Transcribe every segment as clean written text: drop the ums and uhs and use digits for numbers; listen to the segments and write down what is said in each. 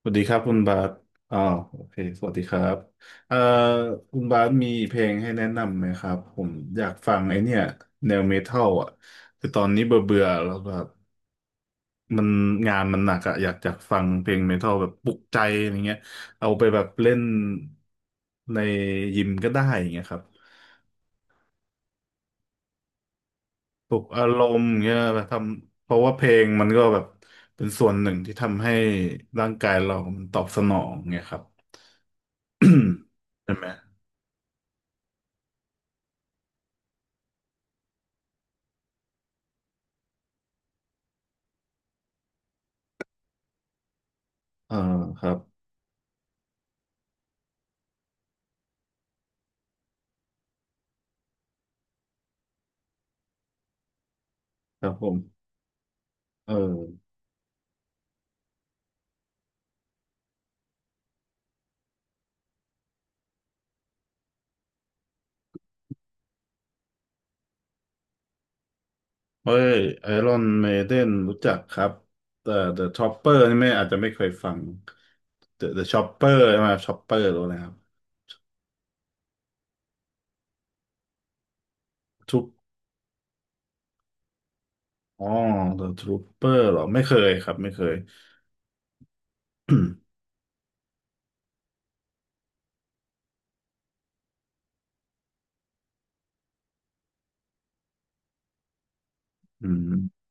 สวัสดีครับคุณบาสอ๋อโอเคสวัสดีครับเอ่อคุณบาสมีเพลงให้แนะนำไหมครับผมอยากฟังไอเนี่ยแนวเมทัลอ่ะคือตอนนี้เบื่อเบื่อแล้วแบบมันงานมันหนักอะอยากจะฟังเพลงเมทัลแบบปลุกใจอะไรเงี้ยเอาไปแบบเล่นในยิมก็ได้อย่างเงี้ยครับปลุกอารมณ์เงี้ยแบบทำเพราะว่าเพลงมันก็แบบเป็นส่วนหนึ่งที่ทำให้ร่างกายเรามันตอบสนองเงี้ยครับ ใช่ไหมเออครับ ครับผมเออเฮ้ยไอรอนเมเดนรู้จักครับแต่ The Chopper นี่ไม่อาจจะไม่เคยฟัง The Chopper ใช่ไหมา Chopper หรืออะไรครับทุปอ๋อ The Trooper เหรอไม่เคยครับไม่เคย อืม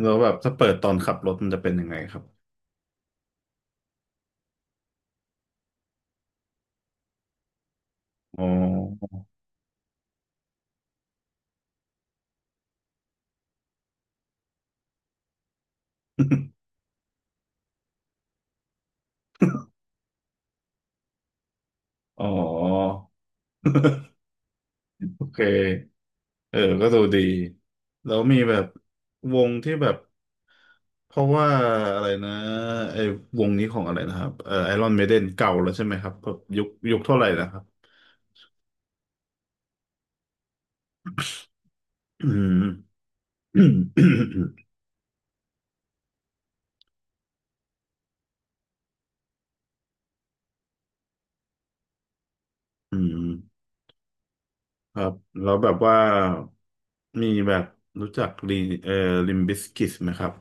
แล้วแบบถ้าเปิดตอนขับรถมันจะเป็นยังไงครับอ๋อ อ๋อโอเคเออก็ดูดีแล้วมีแบบวงที่แบบ เพราะว่าอะไรนะไอ้วงนี้ของอะไรนะครับไอรอนเมเดนเก่าแล้วใช่ไหมครับแบบยุคยุคเท่าไหร่นะครับอืม อืมอืมครับแล้วแบบว่ามีแบบรู้จักลีเอ่อลิมบิสกิสไหมครับ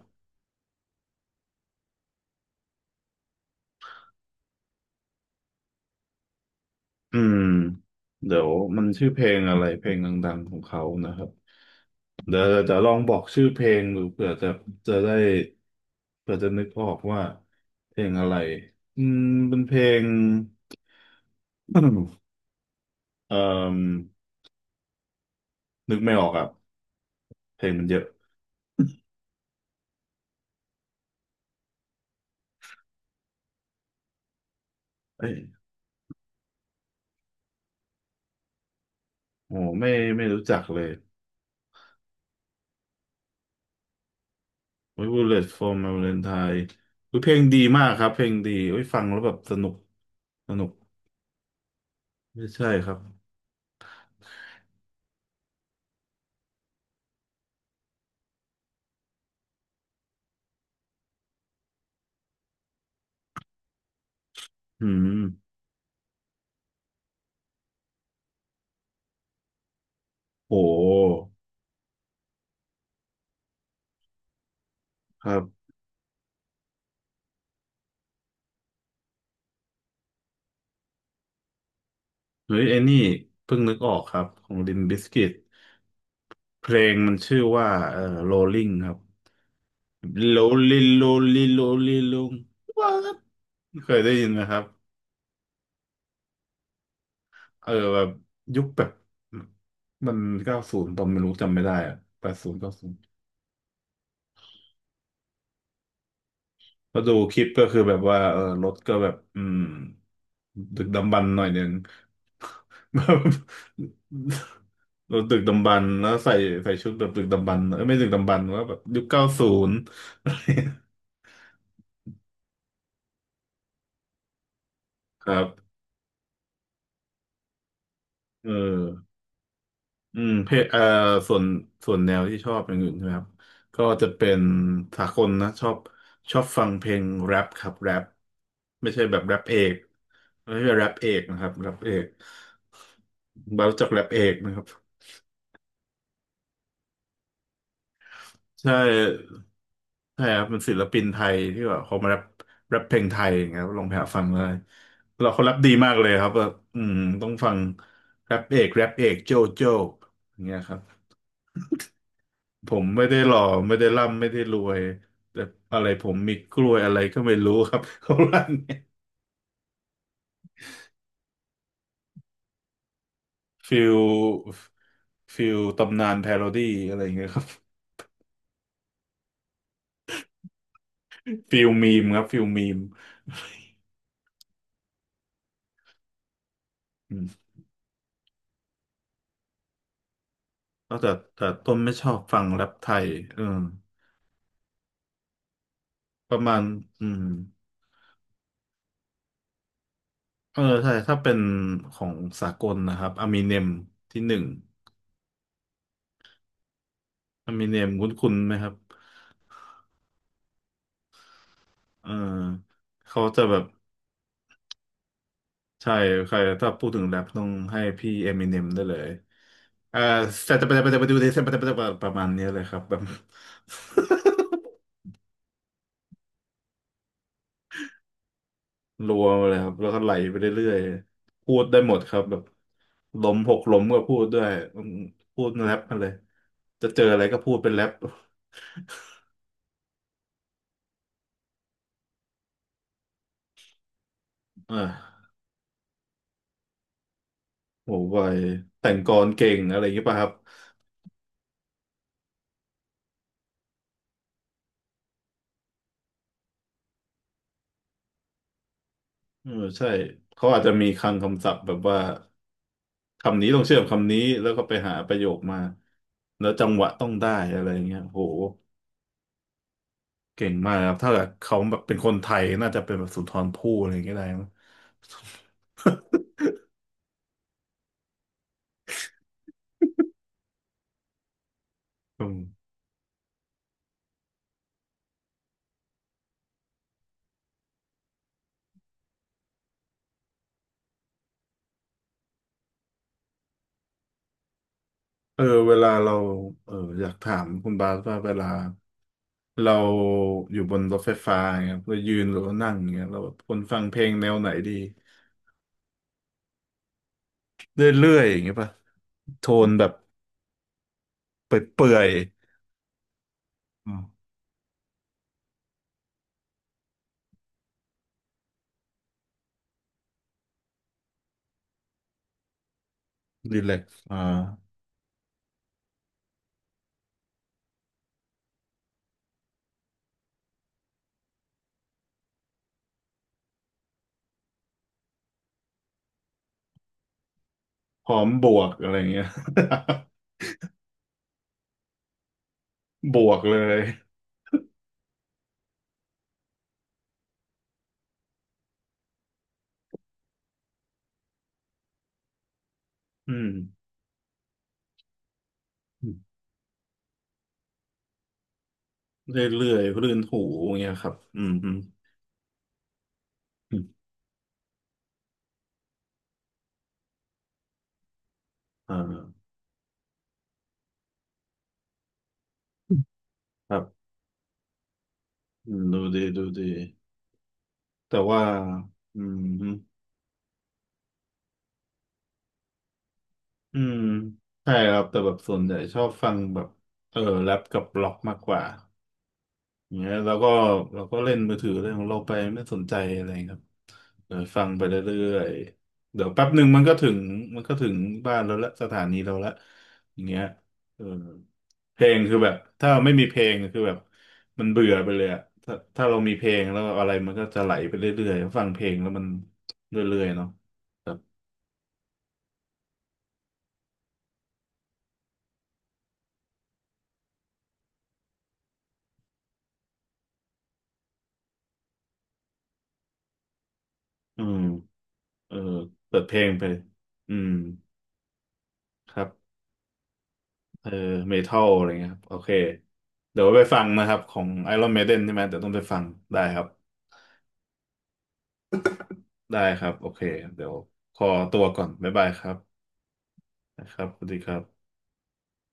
อืมเดี๋ยวมันชื่อเพลงอะไรเพลงดังๆของเขานะครับเดี๋ยวจะลองบอกชื่อเพลงดูเผื่อจะจะได้เผื่อจะนึกออกว่าเพลงอะไรอืมเป็นเพลง เอ่อ นึกไม่ออกอ่ะเพลงมันเยอะเอ้ยโหไม่ไม่รู้จักเลย We Bullet for My Valentine อุ๊ยเพลงดีมากครับเพลงดีเอ้ยฟังแล้วแบบสนุกสนุก ไม่ใช่ครับอืมโหครับเฮ้ยไอ้นี่เพิ่งนึกออกครับของ Limp Bizkit เพลงมันชื่อว่าRolling ครับ Rolling Rolling Rolling Rolling ว้าเคยได้ยินไหมครับ เออแบบยุคแบบมัน90ตอนไม่รู้จำไม่ได้อะ80เก้าศูนย์ก็ดูคลิปก็คือแบบว่าเออรถก็แบบอืมดึกดำบรรพ์หน่อยหนึ่ง แบบรถดึกดำบรรพ์แล้วใส่ใส่ชุดแบบดึกดำบรรพ์เออไม่ดึกดำบรรพ์ว่าแบบยุคเก้าศูนย์ครับเออ อืมเพลเอ่อส่วนส่วนแนวที่ชอบอย่างอื่น่ไครับก็จะเป็นสากลนะชอบชอบฟังเพลงแรปครับแรปไม่ใช่แบบแรปเอกไม่ใช่แรปเอกนะครับแรปเอกเรารู้จักแรปเอกนะครับใช่ใช่ครับเป็นศิลปินไทยที่แบบเขามาแรปแรปเพลงไทยอย่างเงี้ยครับลองไปหาฟังเลยเราเขาแรปดีมากเลยครับแบบอืมต้องฟังแรปเอกแรปเอกโจโจอย่างเงี้ยครับ ผมไม่ได้หล่อไม่ได้ร่ำไม่ได้รวยแต่อะไรผมมีกล้วยอะไรก็ไม่รู้ครับ เขาลั่นเนี่ยฟิลฟิลตำนานพาโรดี้อะไรอย่างเงี้ยครับฟิลมีมครับฟิลมีมอืมแล้วแต่ต้นไม่ชอบฟังแรปไทยเออประมาณอืมเออใช่ถ้าเป็นของสากลนะครับอ m ม n เนมที่หนึ่งอ m มิเนมคุ้นๆไหมครับเออเขาจะแบบใช่ใครถ้าพูดถึงแรปต้องให้พี่เอมิเนมได้เลย เอ่อแต่ไปดูที่แต่ประมาณเนี้ยเลยครับแบบ รัวมาเลยครับแล้วก็ไหลไปเรื่อยๆพูดได้หมดครับแบบล้มหกล้มก็พูดด้วยอืมพูดแรปมาเลยจะเจออะไรก็พูดเป็นแรปเออโหไวแต่งกลอนเก่งอะไรอย่างเงี้ยป่ะครับเออใช่เขาอาจจะมีคลังคำศัพท์แบบว่าคำนี้ต้องเชื่อมคำนี้แล้วก็ไปหาประโยคมาแล้วจังหวะต้องได้อะไรอย่างเงี้ยโห เก่งมากครับถ้าเกิดเขาแบบเป็นคนไทยน่าจะเป็นแบบสุนทรภู่อะไรอย่างเงี้ยได้มั้ง อืมเออเวลาเราเอออยากถามคุณบาสว่าเวลาเราอยู่บนรถไฟฟ้าอย่างเงี้ยเรายืนหรือว่านั่งอย่างเงี้ยเราแบบคนฟังเพลงแนวไหนดีเรื่อยๆอย่างเงี้ยป่ะโทนแบบเปื่อยๆอืมรีแลกซ์อ่าพร้อมบวกอะไรอย่างเงี้ย บวกเลยอืมเรื่อยๆรื่นหูอย่างเงี้ยครับอืมอืมอืมอ่า ครับอืมดูดีดูดีแต่ว่าอืมฮึอืมใช่ครับแต่แบบส่วนใหญ่ชอบฟังแบบเออแรปกับร็อกมากกว่า อย่างเงี้ยเราก็เล่นมือถือเรื่องของเราไปไม่สนใจอะไรครับเดี๋ยวฟังไปเรื่อยๆเดี๋ยวแป๊บหนึ่งมันก็ถึงบ้านเราละสถานีเราละอย่างเงี้ยเออเพลงคือแบบถ้าเราไม่มีเพลงคือแบบมันเบื่อไปเลยอะถ้าเรามีเพลงแล้วอะไรมันก็จะไหลไปเรื่อยๆฟังเพลงแล้วมันเรื่อยๆเนาะอืมเออเปิดเพลงไปอืมครับ เออเมทัลอะไรเงี้ยครับโอเคเดี๋ยวไปฟังนะครับของ Iron Maiden ใช่ไหมเดี๋ยวต้องไปฟังได้ครับได้ครับโอเคเดี๋ยวขอตัวก่อนบ๊ายบายครับนะครับสวัสดีครับ